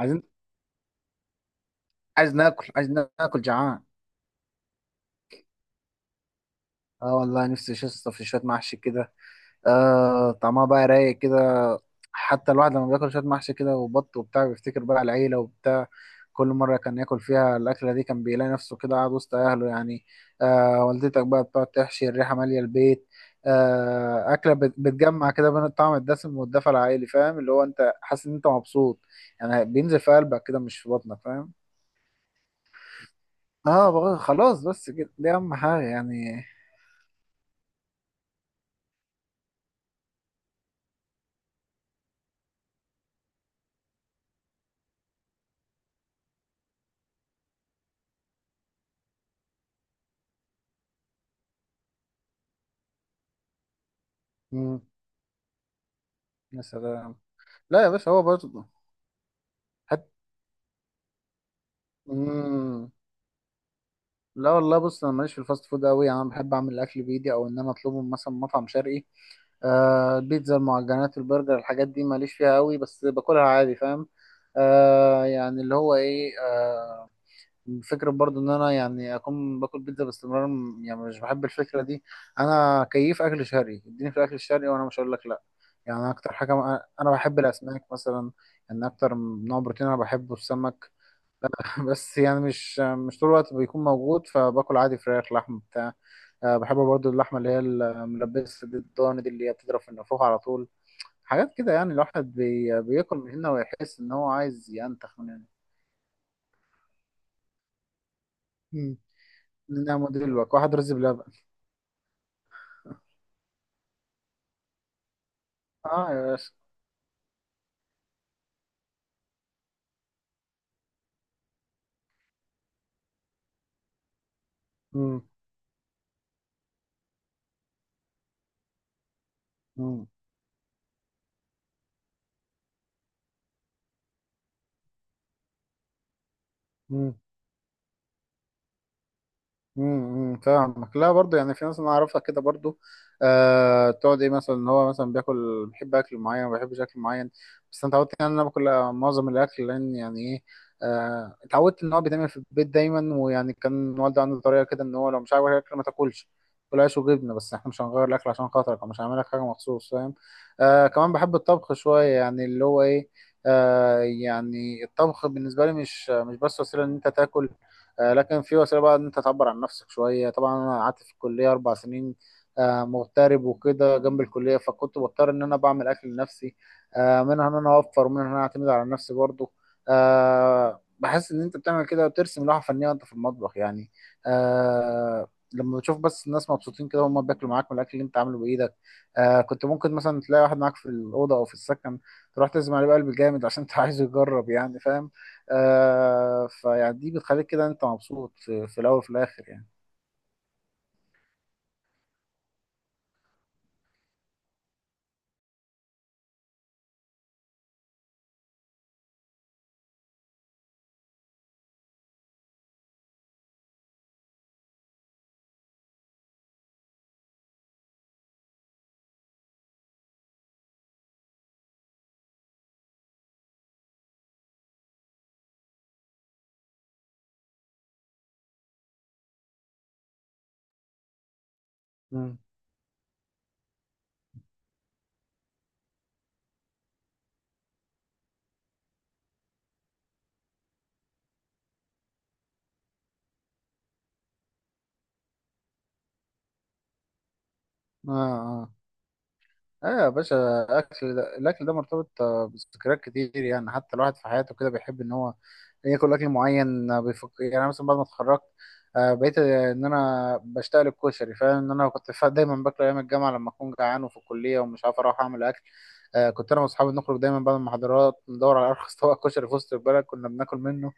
عايزين. عايز ناكل جعان. اه، والله نفسي شصت في شويه محشي كده. آه، طعمها بقى رايق كده. حتى الواحد لما بياكل شويه محشي كده وبط وبتاع بيفتكر بقى العيله وبتاع. كل مره كان ياكل فيها الاكله دي كان بيلاقي نفسه كده قاعد وسط اهله يعني. آه، والدتك بقى بتقعد تحشي الريحه ماليه البيت. آه، اكله بتجمع كده بين الطعم الدسم والدفى العائلي، فاهم؟ اللي هو انت حاسس ان انت مبسوط، يعني بينزل في قلبك كده مش في بطنك، فاهم؟ اه، بقى خلاص، بس كده دي اهم حاجه يعني. مم. يا سلام. لا يا باشا، هو برضه. حت... مم. لا والله، بص، انا ماليش في الفاست فود قوي، يعني انا بحب اعمل الاكل بايدي او ان انا اطلبه من مثلا مطعم شرقي. آه، البيتزا المعجنات البرجر، الحاجات دي ماليش فيها قوي، بس باكلها عادي، فاهم؟ آه، يعني اللي هو ايه، آه، فكرة برضو ان انا يعني اكون باكل بيتزا باستمرار، يعني مش بحب الفكرة دي. انا كيف اكل شرقي اديني في الاكل الشرقي وانا مش هقول لك لا. يعني أنا اكتر حاجة، انا بحب الاسماك مثلا. ان اكتر نوع بروتين انا بحبه السمك. بس يعني مش طول الوقت بيكون موجود، فباكل عادي فراخ لحم بتاع. أه، بحب برضو اللحمة اللي هي الملبسة دي الضاني دي اللي هي بتضرب في النافوخ على طول. حاجات كده يعني الواحد بياكل من هنا ويحس ان هو عايز ينتخ من هنا. مم. إن انا موديل الوك واحد رز بلبن. اه يا باشا. مم. مم. مم. فاهمك، لا برضه يعني في ناس انا اعرفها كده برضه. آه، تقعد ايه مثلا ان هو مثلا بياكل بيحب اكل معين ما بيحبش اكل معين. بس انا اتعودت يعني ان انا باكل، معظم الاكل لان يعني ايه. آه، اتعودت ان هو بيتعمل في البيت دايما، ويعني كان والدي عنده طريقه كده ان هو لو مش عاجبك الاكل ما تاكلش. كل عيش وجبنه، بس احنا مش هنغير الاكل عشان خاطرك او مش هنعمل لك حاجه مخصوص، فاهم؟ آه، كمان بحب الطبخ شويه يعني اللي هو ايه. آه، يعني الطبخ بالنسبه لي مش بس وسيله ان انت تاكل، لكن في وسيله بقى ان انت تعبر عن نفسك شويه. طبعا انا قعدت في الكليه 4 سنين، مغترب وكده جنب الكليه، فكنت بضطر ان انا بعمل اكل لنفسي، منها ان انا اوفر ومنها ان انا اعتمد على نفسي برضو. بحس ان انت بتعمل كده وترسم لوحه فنيه وانت في المطبخ يعني. آه، لما بتشوف بس الناس مبسوطين كده وهم بياكلوا معاك من الاكل اللي انت عامله بايدك. كنت ممكن مثلا تلاقي واحد معاك في الاوضه او في السكن تروح تزم عليه بقلب جامد عشان انت عايزه يجرب، يعني فاهم؟ فيعني دي بتخليك كده انت مبسوط في الاول وفي الاخر يعني. مم. اه اه. اه يا باشا. الاكل ده الاكل ده مرتبط، بذكريات كتير يعني. حتى الواحد في حياته كده بيحب ان هو ياكل اكل معين، بيفكر. يعني أنا مثلا بعد ما اتخرجت، بقيت، ان انا بشتاق للكشري، فاهم؟ ان انا كنت دايما باكله ايام الجامعه لما اكون جعان وفي الكليه ومش عارف اروح اعمل اكل. كنت انا واصحابي نخرج دايما بعد المحاضرات ندور على ارخص طبق كشري في وسط البلد كنا بناكل منه.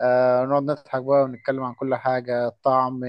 نقعد نضحك بقى ونتكلم عن كل حاجة. الطعم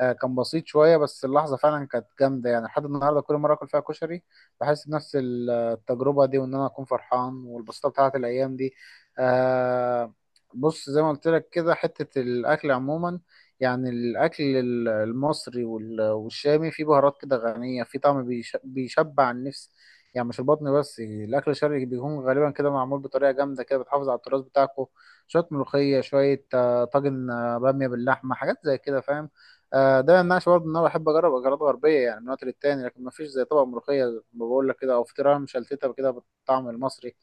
كان بسيط شوية، بس اللحظة فعلا كانت جامدة يعني. لحد النهاردة كل مرة أكل فيها كشري بحس بنفس التجربة دي وإن أنا أكون فرحان والبساطة بتاعت الأيام دي. آه. بص زي ما قلت لك كده حتة الأكل عموما. يعني الأكل المصري والشامي فيه بهارات كده غنية، فيه طعم بيشبع النفس، يعني مش البطن بس. الأكل الشرقي بيكون غالبا كده معمول بطريقة جامدة كده بتحافظ على التراث بتاعكم. شويه ملوخيه، شويه، طاجن، باميه باللحمه، حاجات زي كده، فاهم؟ آه، ده ما يمنعش برضه ان انا بحب اجرب اكلات غربيه يعني من وقت للتاني، لكن ما فيش زي طبق ملوخيه زي ما بقول لك كده او فطيره مشلتته كده بالطعم المصري.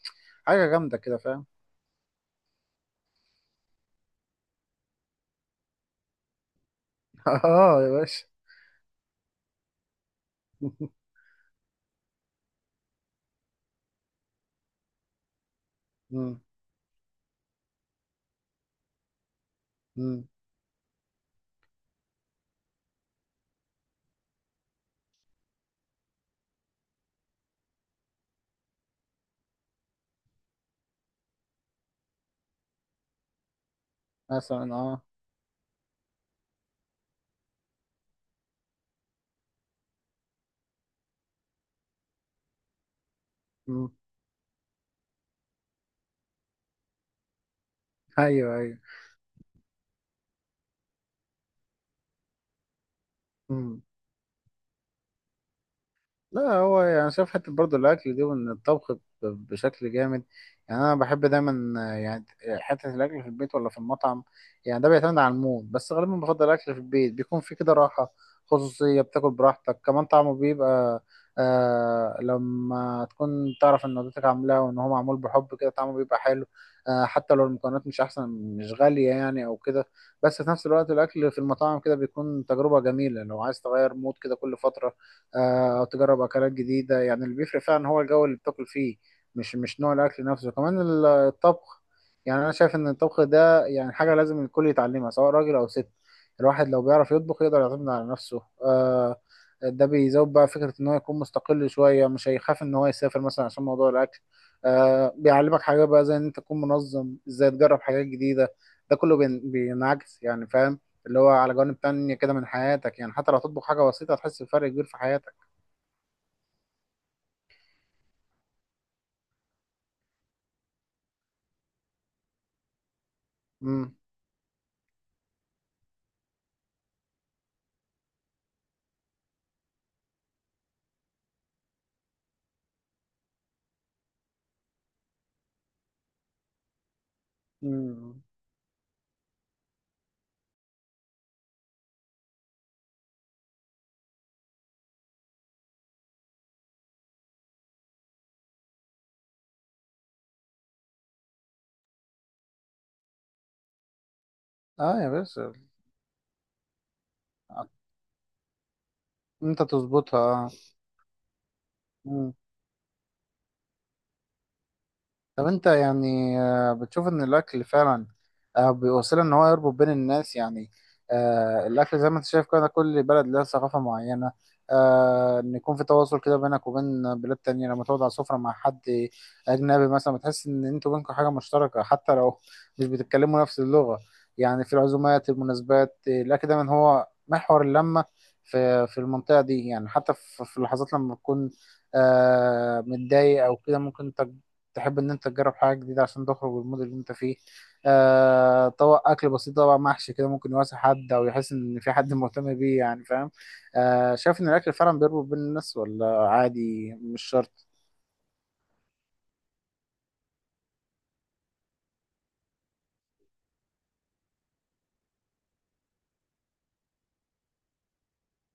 حاجه جامده كده، فاهم؟ اه يا باشا. مم. مم. مثلا اه. مم. ايوه ايوه. مم. لا هو يعني شايف حتة برضه الأكل دي وإن الطبخ بشكل جامد. يعني أنا بحب دايما، يعني حتة الأكل في البيت ولا في المطعم. يعني ده بيعتمد على المود، بس غالبا بفضل الأكل في البيت بيكون في كده راحة، خصوصية، بتاكل براحتك، كمان طعمه بيبقى لما تكون تعرف إن والدتك عاملاه وإن هو معمول بحب كده طعمه بيبقى حلو، حتى لو المكونات مش أحسن، مش غالية يعني أو كده. بس في نفس الوقت الأكل في المطاعم كده بيكون تجربة جميلة لو عايز تغير مود كده كل فترة، او تجرب أكلات جديدة. يعني اللي بيفرق فعلا هو الجو اللي بتاكل فيه، مش نوع الأكل نفسه. كمان الطبخ يعني أنا شايف إن الطبخ ده يعني حاجة لازم الكل يتعلمها سواء راجل أو ست. الواحد لو بيعرف يطبخ يقدر يعتمد على نفسه، ده بيزود بقى فكرة إن هو يكون مستقل شوية، مش هيخاف إن هو يسافر مثلا عشان موضوع الأكل، بيعلمك حاجات بقى زي إن أنت تكون منظم، إزاي تجرب حاجات جديدة. ده كله بينعكس يعني، فاهم؟ اللي هو على جوانب تانية كده من حياتك، يعني حتى لو هتطبخ حاجة بسيطة هتحس بفرق كبير في حياتك. مم. مم. اه يا باشا. انت تظبطها. اه. مم. طب انت يعني، بتشوف ان الاكل فعلا، بيوصل ان هو يربط بين الناس يعني. الاكل زي ما انت شايف كده كل بلد لها ثقافة معينة، ان يكون في تواصل كده بينك وبين بلاد تانية. لما تقعد على سفرة مع حد اجنبي مثلا بتحس ان انتوا بينكم حاجة مشتركة حتى لو مش بتتكلموا نفس اللغة. يعني في العزومات المناسبات، الاكل دايما هو محور اللمة في المنطقة دي. يعني حتى في اللحظات لما تكون، متضايق او كده، ممكن تحب ان انت تجرب حاجه جديده عشان تخرج من المود اللي انت فيه. طبق اكل بسيط طبعا محشي كده ممكن يواسي حد او يحس ان في حد مهتم بيه، يعني فاهم؟ شايف ان الاكل فعلا بيربط بين الناس ولا عادي مش شرط؟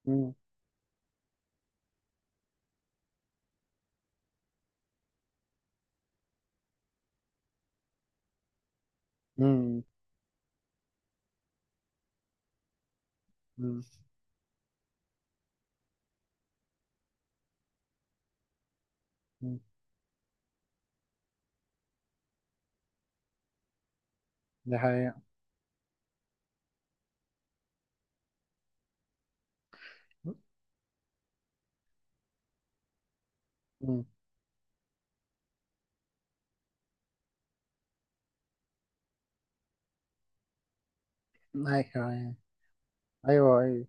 مم. مم. مم. مم. دي حقيقة. مم. ايوه ايوه. ايوه.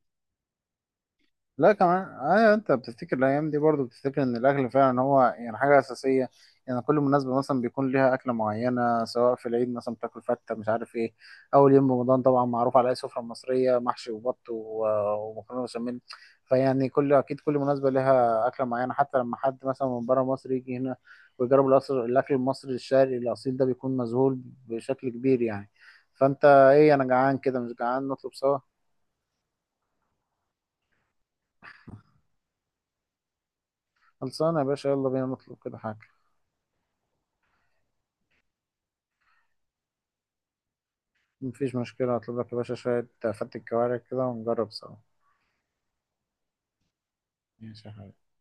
لا كمان ايوه، انت بتفتكر الايام دي برضو بتفتكر ان الاكل فعلا هو يعني حاجه اساسيه. يعني كل مناسبه مثلا بيكون ليها اكله معينه، سواء في العيد مثلا بتاكل فته، مش عارف ايه. اول يوم رمضان طبعا معروف على اي سفره مصريه محشي وبط ومكرونه بشاميل. فيعني كل، اكيد كل مناسبه ليها اكله معينه. حتى لما حد مثلا من بره مصر يجي هنا ويجرب الاكل المصري الشرقي الاصيل ده بيكون مذهول بشكل كبير يعني. فانت ايه؟ انا جعان كده، مش جعان نطلب سوا؟ خلصانه يا باشا، يلا بينا نطلب كده حاجه. مفيش مشكلة، هطلب لك يا باشا شوية فتة كوارع كده ونجرب سوا. ماشي يا حبيبي.